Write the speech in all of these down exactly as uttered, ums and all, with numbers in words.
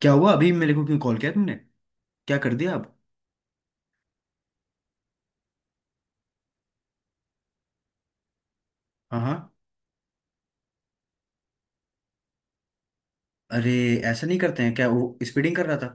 क्या हुआ? अभी मेरे को क्यों कॉल किया तुमने? क्या कर दिया आप? हाँ, हाँ। अरे, ऐसा नहीं करते हैं। क्या वो स्पीडिंग कर रहा था?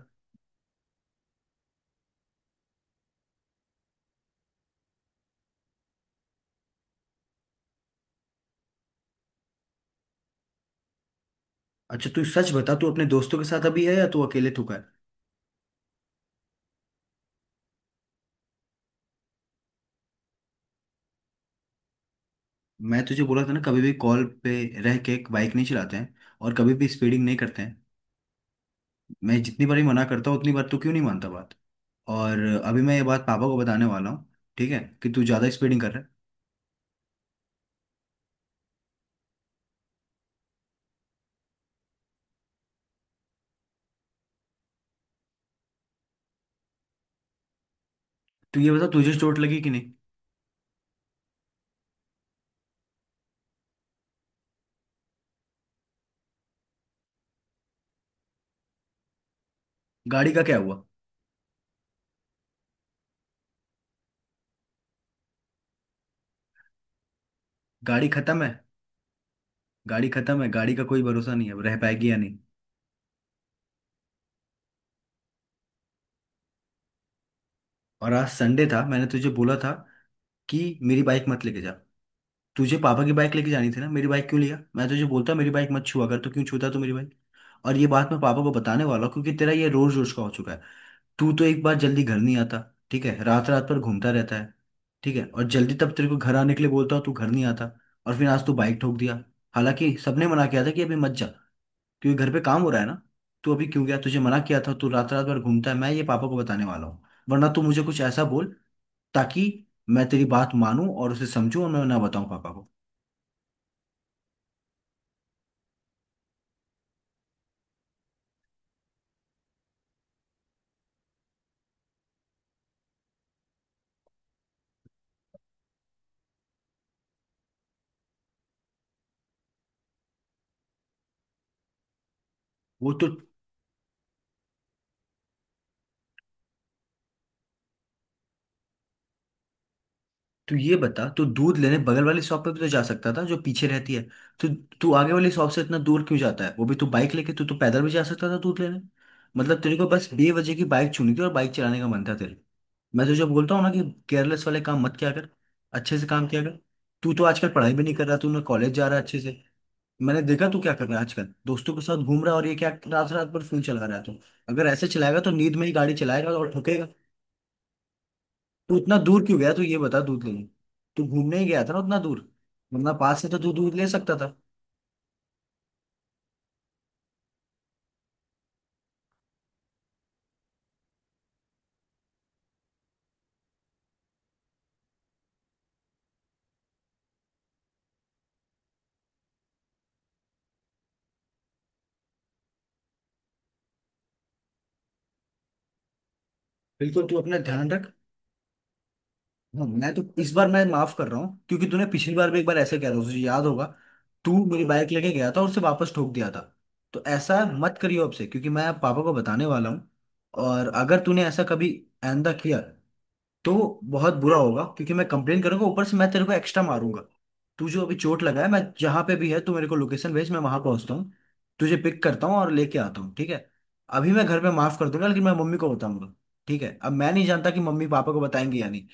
अच्छा, तू सच बता। तू अपने दोस्तों के साथ अभी है या तू अकेले थूका है? मैं तुझे बोला था ना, कभी भी कॉल पे रह के बाइक नहीं चलाते हैं और कभी भी स्पीडिंग नहीं करते हैं। मैं जितनी बार ही मना करता हूँ उतनी बार तू क्यों नहीं मानता बात? और अभी मैं ये बात पापा को बताने वाला हूँ, ठीक है, कि तू ज़्यादा स्पीडिंग कर रहा है। तू ये बता, तुझे चोट लगी कि नहीं? गाड़ी का क्या हुआ? गाड़ी खत्म है। गाड़ी खत्म है। गाड़ी का कोई भरोसा नहीं है, रह पाएगी या नहीं। और आज संडे था, मैंने तुझे बोला था कि मेरी बाइक मत लेके जा। तुझे पापा की बाइक लेके जानी थी ना, मेरी बाइक क्यों लिया? मैं तुझे बोलता मेरी बाइक मत छुआ कर, तो क्यों छूता तू मेरी बाइक? और ये बात मैं पापा को बताने वाला हूँ क्योंकि तेरा ये रोज रोज का हो चुका है। तू तो एक बार जल्दी घर नहीं आता, ठीक है। रात रात पर घूमता रहता है, ठीक है। और जल्दी तब तेरे को घर आने के लिए बोलता हूँ तू घर नहीं आता। और फिर आज तू बाइक ठोक दिया। हालांकि सबने मना किया था कि अभी मत जा, क्योंकि घर पे काम हो रहा है ना। तू अभी क्यों गया? तुझे मना किया था। तू रात रात भर घूमता है। मैं ये पापा को बताने वाला हूँ। वरना तू मुझे कुछ ऐसा बोल ताकि मैं तेरी बात मानूं और उसे समझूं और मैं ना बताऊं पापा को। वो तो। तू ये बता, तू दूध लेने बगल वाली शॉप पे भी तो जा सकता था जो पीछे रहती है। तू तू आगे वाली शॉप से इतना दूर क्यों जाता है? वो भी तू बाइक लेके। तू तो पैदल भी जा सकता था दूध लेने। मतलब तेरे को बस बेवजह की बाइक चुनी थी और बाइक चलाने का मन था तेरे। मैं तुझे बोलता हूँ ना कि केयरलेस वाले काम मत किया कर, अच्छे से काम किया कर। तू तो आजकल पढ़ाई भी नहीं कर रहा। तू ना कॉलेज जा रहा है अच्छे से। मैंने देखा तू क्या कर रहा है आजकल। दोस्तों के साथ घूम रहा है और ये क्या रात रात भर फोन चला रहा है तू? अगर ऐसे चलाएगा तो नींद में ही गाड़ी चलाएगा और ठोकेगा। तू इतना दूर क्यों गया? तू ये बता। दूध लेने तू घूमने ही गया था ना, उतना दूर? वरना पास से तो तू दूध ले सकता था। बिल्कुल, तू अपना ध्यान रख। हाँ, मैं तो इस बार मैं माफ कर रहा हूँ क्योंकि तूने पिछली बार भी एक बार ऐसे कह रहा था, तुझे याद होगा। तू मेरी बाइक लेके गया था और उसे वापस ठोक दिया था। तो ऐसा मत करियो अब से क्योंकि मैं पापा को बताने वाला हूँ। और अगर तूने ऐसा कभी आइंदा किया तो बहुत बुरा होगा, क्योंकि मैं कंप्लेन करूंगा, ऊपर से मैं तेरे को एक्स्ट्रा मारूंगा। तू जो अभी चोट लगा है, मैं जहां पे भी है तू, मेरे को लोकेशन भेज, मैं वहां पहुंचता हूँ, तुझे पिक करता हूँ और लेके आता हूँ, ठीक है। अभी मैं घर में माफ कर दूंगा लेकिन मैं मम्मी को बताऊंगा, ठीक है। अब मैं नहीं जानता कि मम्मी पापा को बताएंगे या नहीं।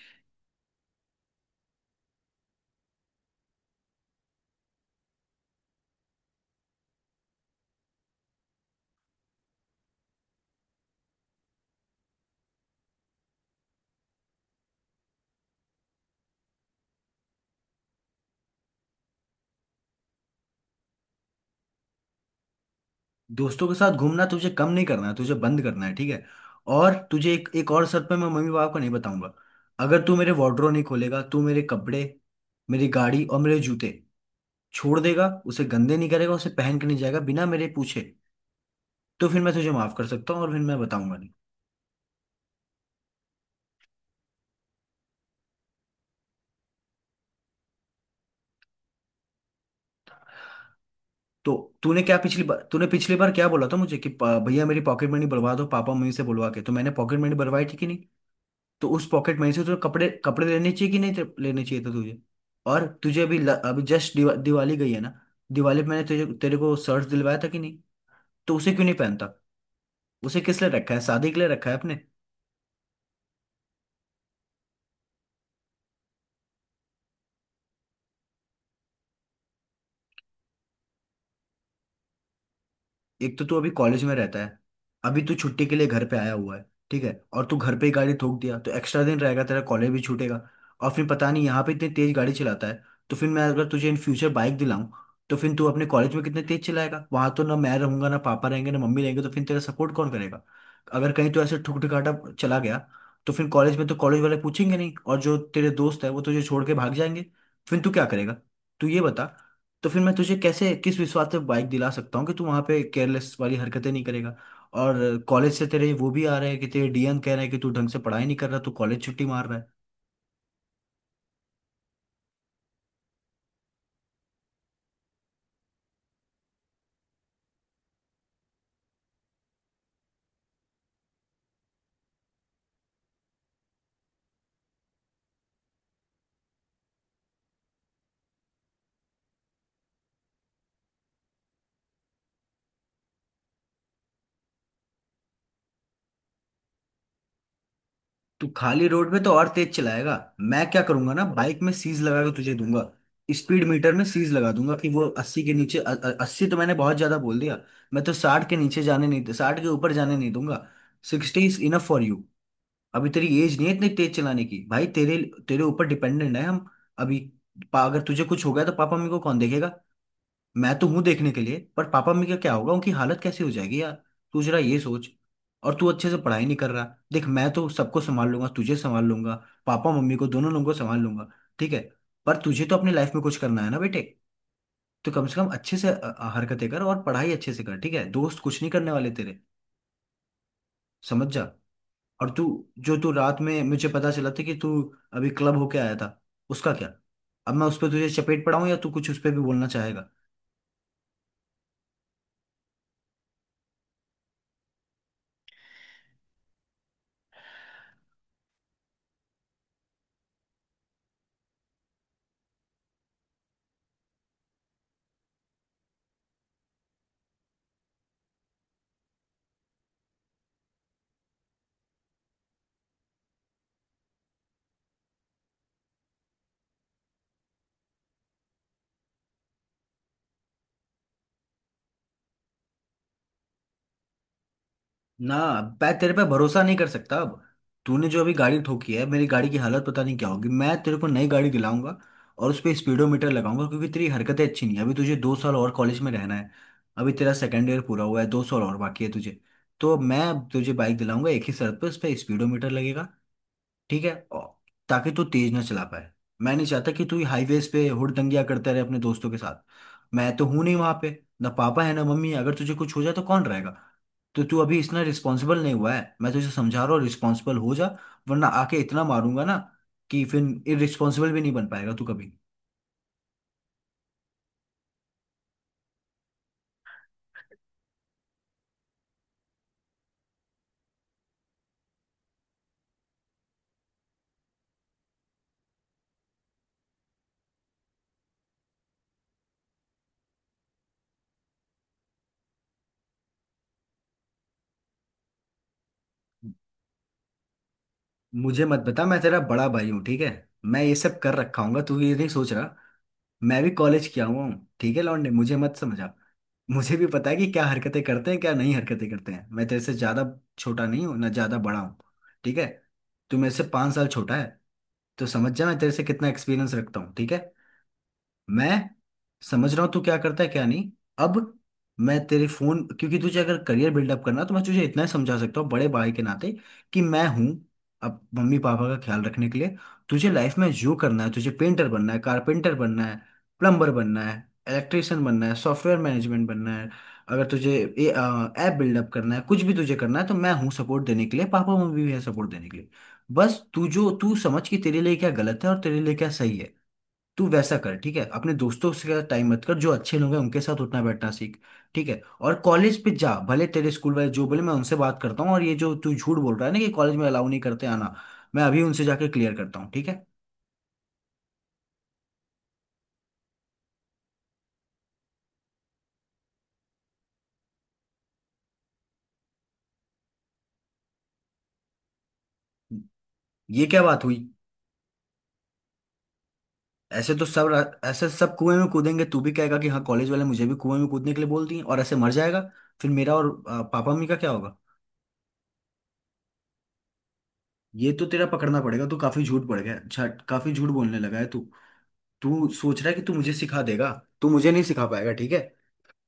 दोस्तों के साथ घूमना तुझे कम नहीं करना है, तुझे बंद करना है, ठीक है। और तुझे एक एक और शर्त पे मैं मम्मी पापा को नहीं बताऊंगा। अगर तू मेरे वार्डरोब नहीं खोलेगा, तू मेरे कपड़े, मेरी गाड़ी और मेरे जूते छोड़ देगा, उसे गंदे नहीं करेगा, उसे पहन के नहीं जाएगा बिना मेरे पूछे, तो फिर मैं तुझे माफ कर सकता हूँ और फिर मैं बताऊंगा नहीं। तो तूने क्या पिछली बार तूने पिछली बार क्या बोला था मुझे कि "पा- भैया मेरी पॉकेट मनी बढ़वा दो पापा मम्मी से बुलवा के, तो मैंने पॉकेट मनी बढ़वाई थी कि नहीं? तो उस पॉकेट मनी से तुझे कपड़े कपड़े लेने चाहिए कि नहीं, ते- लेने चाहिए थे तुझे। और तुझे अभी ल- अभी जस्ट दिवा, दिवाली गई है ना। दिवाली पे मैंने तुझे तेरे को शर्ट दिलवाया था कि नहीं? तो उसे क्यों नहीं पहनता? उसे किस लिए रखा है? शादी के लिए रखा है अपने? एक तो तू अभी कॉलेज में रहता है, अभी तू छुट्टी के लिए घर पे आया हुआ है, ठीक है, और तू घर पे ही गाड़ी ठोक दिया तो एक्स्ट्रा दिन रहेगा, तेरा कॉलेज भी छूटेगा। और फिर पता नहीं, यहाँ पे इतनी तेज गाड़ी चलाता है, तो फिर मैं अगर तुझे इन फ्यूचर बाइक दिलाऊं, तो फिर तू अपने कॉलेज में कितने तेज चलाएगा? वहां तो ना मैं रहूंगा, ना पापा रहेंगे, ना मम्मी रहेंगे, तो फिर तेरा सपोर्ट कौन करेगा? अगर कहीं तो ऐसे ठुक ठुकाटा चला गया तो फिर कॉलेज में तो कॉलेज वाले पूछेंगे नहीं, और जो तेरे दोस्त है वो तुझे छोड़ के भाग जाएंगे। फिर तू क्या करेगा? तू ये बता। तो फिर मैं तुझे कैसे, किस विश्वास पे बाइक दिला सकता हूँ कि तू वहां पे केयरलेस वाली हरकतें नहीं करेगा? और कॉलेज से तेरे वो भी आ रहे हैं कि तेरे डी एम कह रहे हैं कि तू ढंग से पढ़ाई नहीं कर रहा, तू कॉलेज छुट्टी मार रहा है। तू खाली रोड में तो और तेज चलाएगा। मैं क्या करूंगा ना, बाइक में सीज लगा के तुझे दूंगा। स्पीड मीटर में सीज लगा दूंगा कि वो अस्सी के नीचे अ- अ- अस्सी तो मैंने बहुत ज्यादा बोल दिया। मैं तो साठ के नीचे जाने नहीं, साठ के ऊपर जाने नहीं दूंगा। Sixty is enough for you. अभी तेरी एज नहीं है इतनी तेज चलाने की, भाई। तेरे तेरे ऊपर डिपेंडेंट है हम अभी। पा- अगर तुझे कुछ हो गया तो पापा मम्मी को कौन देखेगा? मैं तो हूं देखने के लिए, पर पापा मम्मी का क्या होगा? उनकी हालत कैसी हो जाएगी, यार? तू जरा ये सोच। और तू अच्छे से पढ़ाई नहीं कर रहा। देख, मैं तो सबको संभाल लूंगा, तुझे संभाल लूंगा, पापा मम्मी को दोनों लोगों को संभाल लूंगा, ठीक है। पर तुझे तो अपनी लाइफ में कुछ करना है ना, बेटे। तो कम से कम अच्छे से अ, अ, हरकतें कर और पढ़ाई अच्छे से कर, ठीक है। दोस्त कुछ नहीं करने वाले तेरे, समझ जा। और तू जो तू रात में मुझे पता चला था कि तू अभी क्लब होके आया था, उसका क्या? अब मैं उस पर तुझे चपेट पड़ाऊं या तू कुछ उस पर भी बोलना चाहेगा? ना, मैं तेरे पे भरोसा नहीं कर सकता अब। तूने जो अभी गाड़ी ठोकी है, मेरी गाड़ी की हालत पता नहीं क्या होगी। मैं तेरे को नई गाड़ी दिलाऊंगा और उस पर स्पीडोमीटर लगाऊंगा क्योंकि तेरी हरकतें अच्छी नहीं है। अभी तुझे दो साल और कॉलेज में रहना है, अभी तेरा सेकेंड ईयर पूरा हुआ है, दो साल और बाकी है तुझे। तो मैं अब तुझे बाइक दिलाऊंगा एक ही शर्त पे, उस पर स्पीडोमीटर लगेगा, ठीक है, और- ताकि तू तेज ना चला पाए। मैं नहीं चाहता कि तू हाईवेज पे हुड़दंगियां करता रहे अपने दोस्तों के साथ। मैं तो हूं नहीं वहां पे, ना पापा है, ना मम्मी है। अगर तुझे कुछ हो जाए तो कौन रहेगा? तो तू अभी इतना रिस्पॉन्सिबल नहीं हुआ है, मैं तुझे समझा रहा हूँ, रिस्पॉन्सिबल हो जा। वरना आके इतना मारूंगा ना कि फिर इरिस्पॉन्सिबल भी नहीं बन पाएगा तू कभी। मुझे मत बता, मैं तेरा बड़ा भाई हूँ, ठीक है। मैं ये सब कर रखा हूँ, तू ये नहीं सोच रहा। मैं भी कॉलेज किया हुआ हूँ, ठीक है लौंडे, मुझे मत समझा। मुझे भी पता है कि क्या हरकतें करते हैं क्या नहीं हरकतें करते हैं। मैं तेरे से ज्यादा छोटा नहीं हूँ, ना ज्यादा बड़ा हूँ, ठीक है। तू मेरे से पाँच साल छोटा है, तो समझ जा मैं तेरे से कितना एक्सपीरियंस रखता हूँ, ठीक है। मैं समझ रहा हूँ तू क्या करता है क्या नहीं। अब मैं तेरे फोन क्योंकि तुझे अगर करियर बिल्डअप करना है, तो मैं तुझे इतना ही समझा सकता हूँ बड़े भाई के नाते कि मैं हूँ अब मम्मी पापा का ख्याल रखने के लिए। तुझे लाइफ में जो करना है, तुझे पेंटर बनना है, कारपेंटर बनना है, प्लम्बर बनना है, इलेक्ट्रिशियन बनना है, सॉफ्टवेयर मैनेजमेंट बनना है, अगर तुझे ऐप बिल्डअप करना है, कुछ भी तुझे करना है, तो मैं हूँ सपोर्ट देने के लिए, पापा मम्मी भी है सपोर्ट देने के लिए। बस तू जो तू समझ कि तेरे लिए क्या गलत है और तेरे लिए क्या सही है, तू वैसा कर, ठीक है। अपने दोस्तों से टाइम मत कर, जो अच्छे लोग हैं उनके साथ उठना बैठना सीख, ठीक है। और कॉलेज पे जा, भले तेरे स्कूल वाले जो बोले मैं उनसे बात करता हूँ। और ये जो तू झूठ बोल रहा है ना कि कॉलेज में अलाउ नहीं करते आना, मैं अभी उनसे जाके क्लियर करता हूँ, ठीक है। ये क्या बात हुई? ऐसे तो सब रा- ऐसे सब कुएं में कूदेंगे। तू भी कहेगा कि हाँ, कॉलेज वाले मुझे भी कुएं में कूदने के लिए बोल दिए, और ऐसे मर जाएगा। फिर मेरा और आ, पापा मम्मी का क्या होगा? ये तो तेरा पकड़ना पड़ेगा, तू काफी झूठ पड़ गया, अच्छा, काफी झूठ बोलने लगा है तू। तू सोच रहा है कि तू मुझे सिखा देगा। तू मुझे नहीं सिखा पाएगा, ठीक है।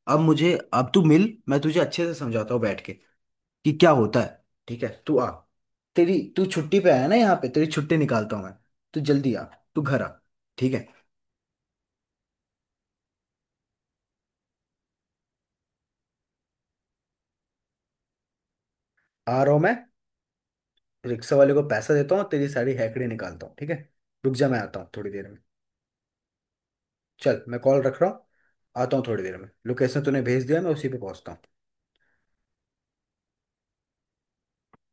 अब मुझे अब तू मिल, मैं तुझे अच्छे से समझाता हूँ बैठ के, कि क्या होता है, ठीक है। तू आ। तेरी तू छुट्टी पे आया ना यहाँ पे, तेरी छुट्टी निकालता हूँ मैं। तू जल्दी आ, तू घर आ, ठीक है। आ रहा हूँ मैं। रिक्शा वाले को पैसा देता हूँ, तेरी सारी हैकड़ी निकालता हूँ, ठीक है। रुक जा, मैं आता हूँ थोड़ी देर में। चल, मैं कॉल रख रहा हूँ। आता हूँ थोड़ी देर में। लोकेशन तूने भेज दिया, मैं उसी पे पहुँचता हूँ।